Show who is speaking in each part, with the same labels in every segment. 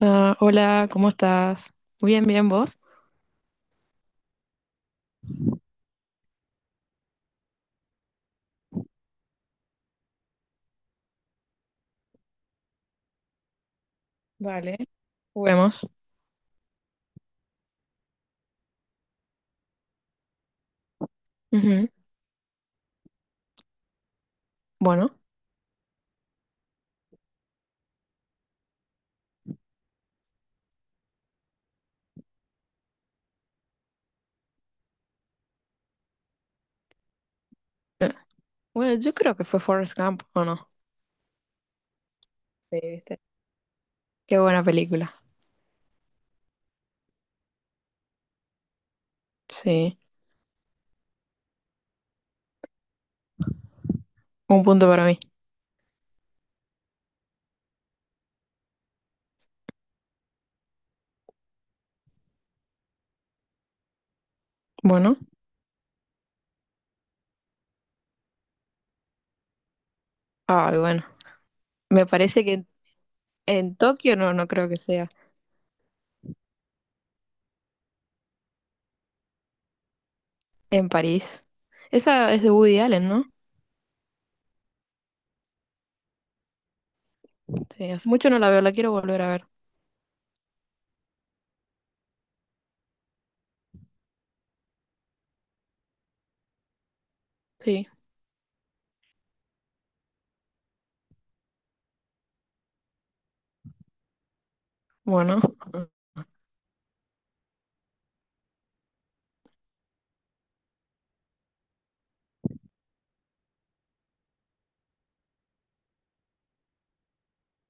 Speaker 1: Ah, hola, ¿cómo estás? Bien, bien, ¿vos? Dale, juguemos. Ujú. Bueno, bueno, yo creo que fue Forrest Gump, ¿o no? Sí, ¿viste? Qué buena película. Sí, un punto para mí. Bueno, ay, bueno. Me parece que en Tokio no, no creo que sea. En París. Esa es de Woody Allen, ¿no? Sí, hace mucho no la veo, la quiero volver a ver. Sí, bueno.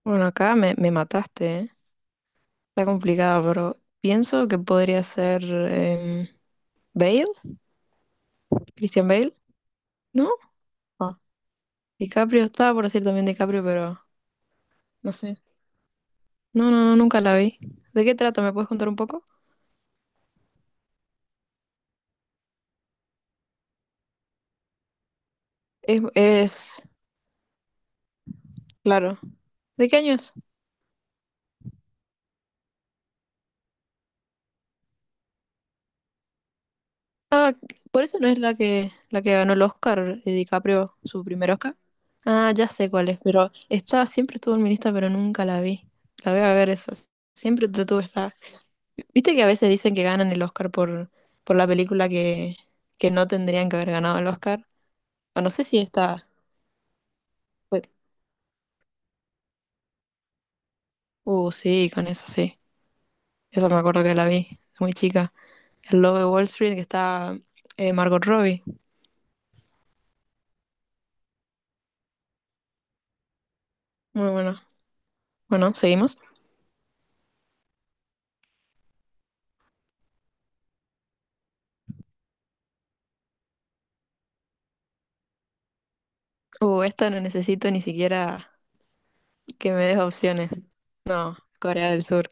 Speaker 1: Bueno, acá me mataste, ¿eh? Está complicado, pero pienso que podría ser Bale, Christian Bale, ¿no? Ah, DiCaprio estaba por decir también DiCaprio, pero no sé. No, no, no, nunca la vi. ¿De qué trata? ¿Me puedes contar un poco? Es, es, claro. ¿De qué año es? Ah, por eso no es la que ganó el Oscar, DiCaprio, su primer Oscar. Ah, ya sé cuál es, pero estaba, siempre estuvo en mi lista, pero nunca la vi. La voy a ver esa. Siempre te tuve esta. Viste que a veces dicen que ganan el Oscar por la película que no tendrían que haber ganado el Oscar. O no sé si esta. fue- sí, con eso sí. Esa me acuerdo que la vi, muy chica. El lobo de Wall Street, que está Margot Robbie. Muy bueno. Bueno, seguimos. Esta no necesito ni siquiera que me des opciones. No, Corea del Sur.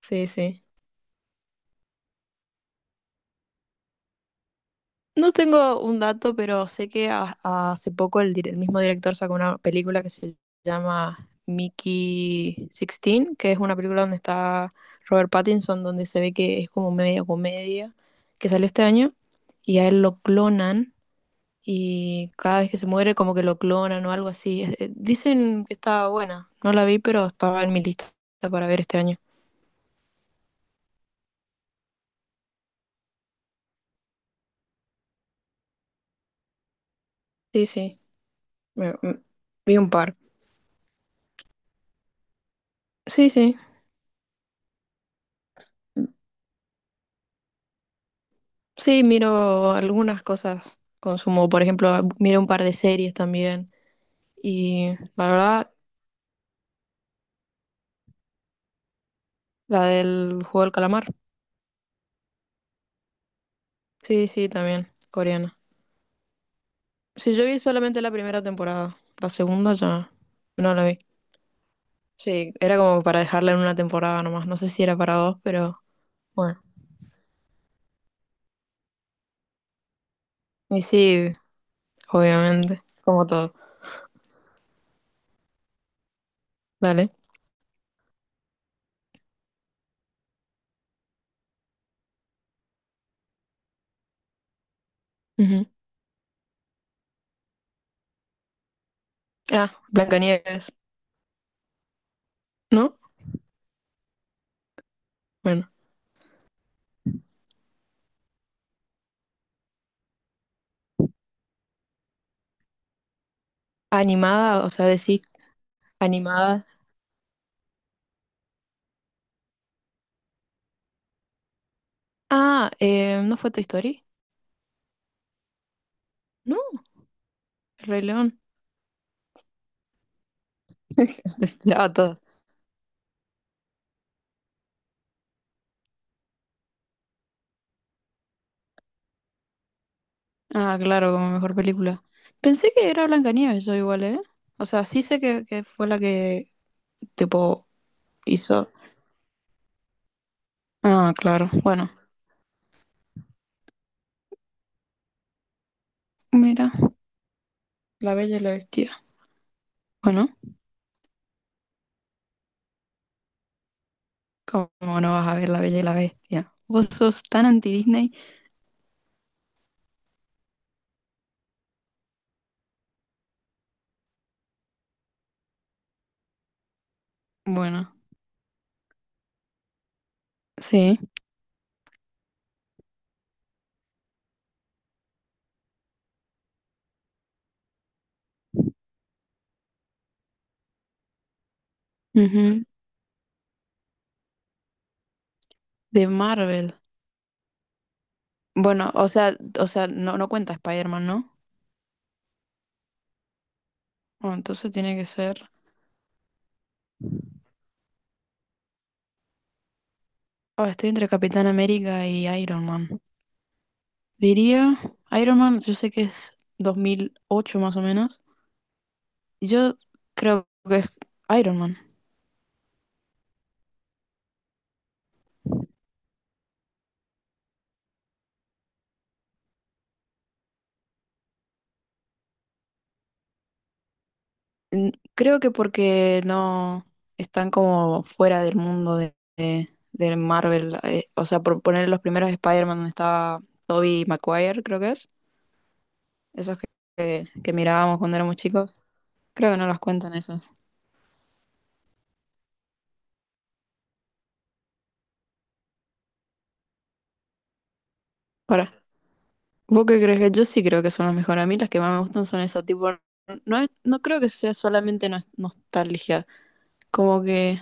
Speaker 1: Sí, sí. No tengo un dato, pero sé que hace poco el mismo director sacó una película que se llama Mickey 16, que es una película donde está Robert Pattinson, donde se ve que es como media comedia, que salió este año, y a él lo clonan y cada vez que se muere como que lo clonan o algo así. Dicen que estaba buena, no la vi, pero estaba en mi lista para ver este año. Sí, sí, me- me- vi un par. Sí, sí, sí, miro algunas cosas, consumo, por ejemplo, miro un par de series también y la verdad, la del juego del calamar. Sí, sí, también, coreana. Sí, yo vi solamente la primera temporada, la segunda ya no la vi. Sí, era como para dejarla en una temporada nomás, no sé si era para dos, pero... bueno. Y sí, obviamente, como todo. Dale. Ujú. Ah, Blancanieves, ¿no? Bueno, animada, o sea, decir animada. Ah, ¿no fue Toy Story? No, El Rey León. Ya, todas. Ah, claro, como mejor película. Pensé que era Blancanieves, yo igual, ¿eh? O sea, sí sé que fue la que, tipo, hizo. Ah, claro, bueno. Mira, La Bella y la Bestia. Bueno, ¿cómo no vas a ver La Bella y la Bestia? Vos sos tan anti-Disney. Bueno, sí. Ujú. De Marvel. Bueno, o sea, no, no cuenta Spider-Man, ¿no? Bueno, entonces tiene que ser. Ah, estoy entre Capitán América y Iron Man. Diría, Iron Man, yo sé que es 2008 más o menos. Yo creo que es Iron Man. Mm, Creo que porque no están como fuera del mundo de Marvel. O sea, por poner los primeros Spider-Man donde estaba Tobey Maguire, creo que es. Esos que, que mirábamos cuando éramos chicos. Creo que no las cuentan esas. Ahora, ¿vos qué crees que yo sí creo que son las mejores? A mí las que más me gustan son esas, tipo, no, no creo que sea solamente nostalgia, como que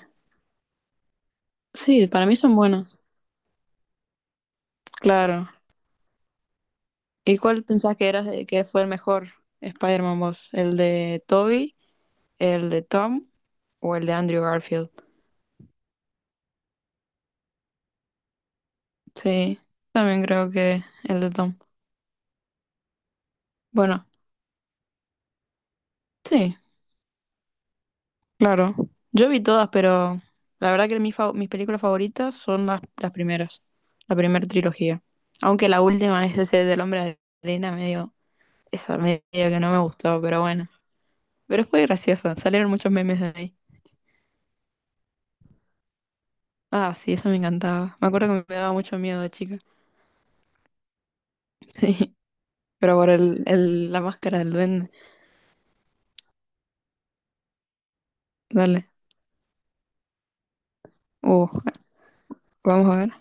Speaker 1: sí, para mí son buenas, claro. ¿Y cuál pensás que era que fue el mejor Spider-Man vos? ¿El de Toby, el de Tom o el de Andrew Garfield? Sí, también creo que el de Tom. Bueno, sí. Claro. Yo vi todas, pero la verdad que mis, mis películas favoritas son las primeras, la primera trilogía. Aunque la última es ese del Hombre de Arena, medio, esa medio que no me gustó, pero bueno. Pero fue graciosa, salieron muchos memes de ahí. Ah, sí, eso me encantaba. Me acuerdo que me daba mucho miedo de chica. Sí, pero por la máscara del duende. Dale. Uh, vamos a ver.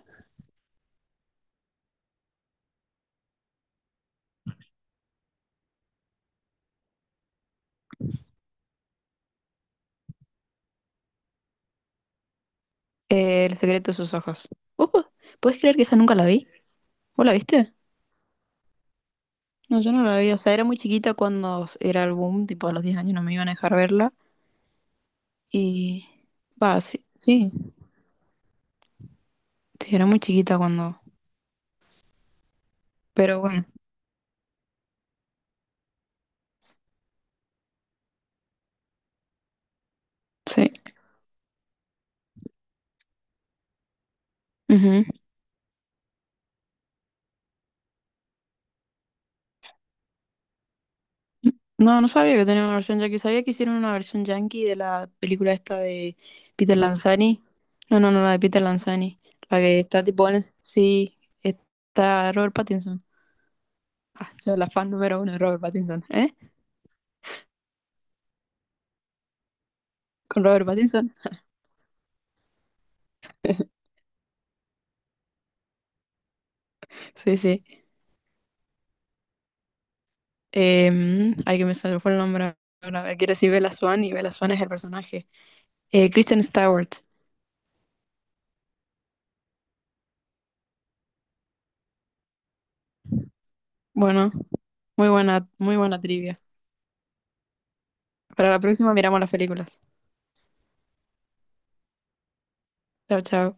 Speaker 1: El secreto de sus ojos. Uh, ¿Puedes creer que esa nunca la vi? ¿Vos la viste? No, yo no la vi, o sea, era muy chiquita cuando era el boom, tipo a los 10 años no me iban a dejar verla y... Va, sí, sí, sí, era muy chiquita cuando... Pero bueno, sí. Ujú. No, no sabía que tenía una versión yankee, sabía que hicieron una versión yankee de la película esta de Peter Lanzani. No, no, no, la de Peter Lanzani, la que está tipo en... Sí, está Robert Pattinson. Ah, yo la fan número uno de Robert Pattinson, ¿eh? Con Robert Pattinson. Sí, sí. Ay, que me salió fue el nombre ahora. A ver, quiere decir Bella Swan y Bella Swan es el personaje. Kristen Stewart. Bueno, muy buena trivia. Para la próxima miramos las películas. Chao, chao.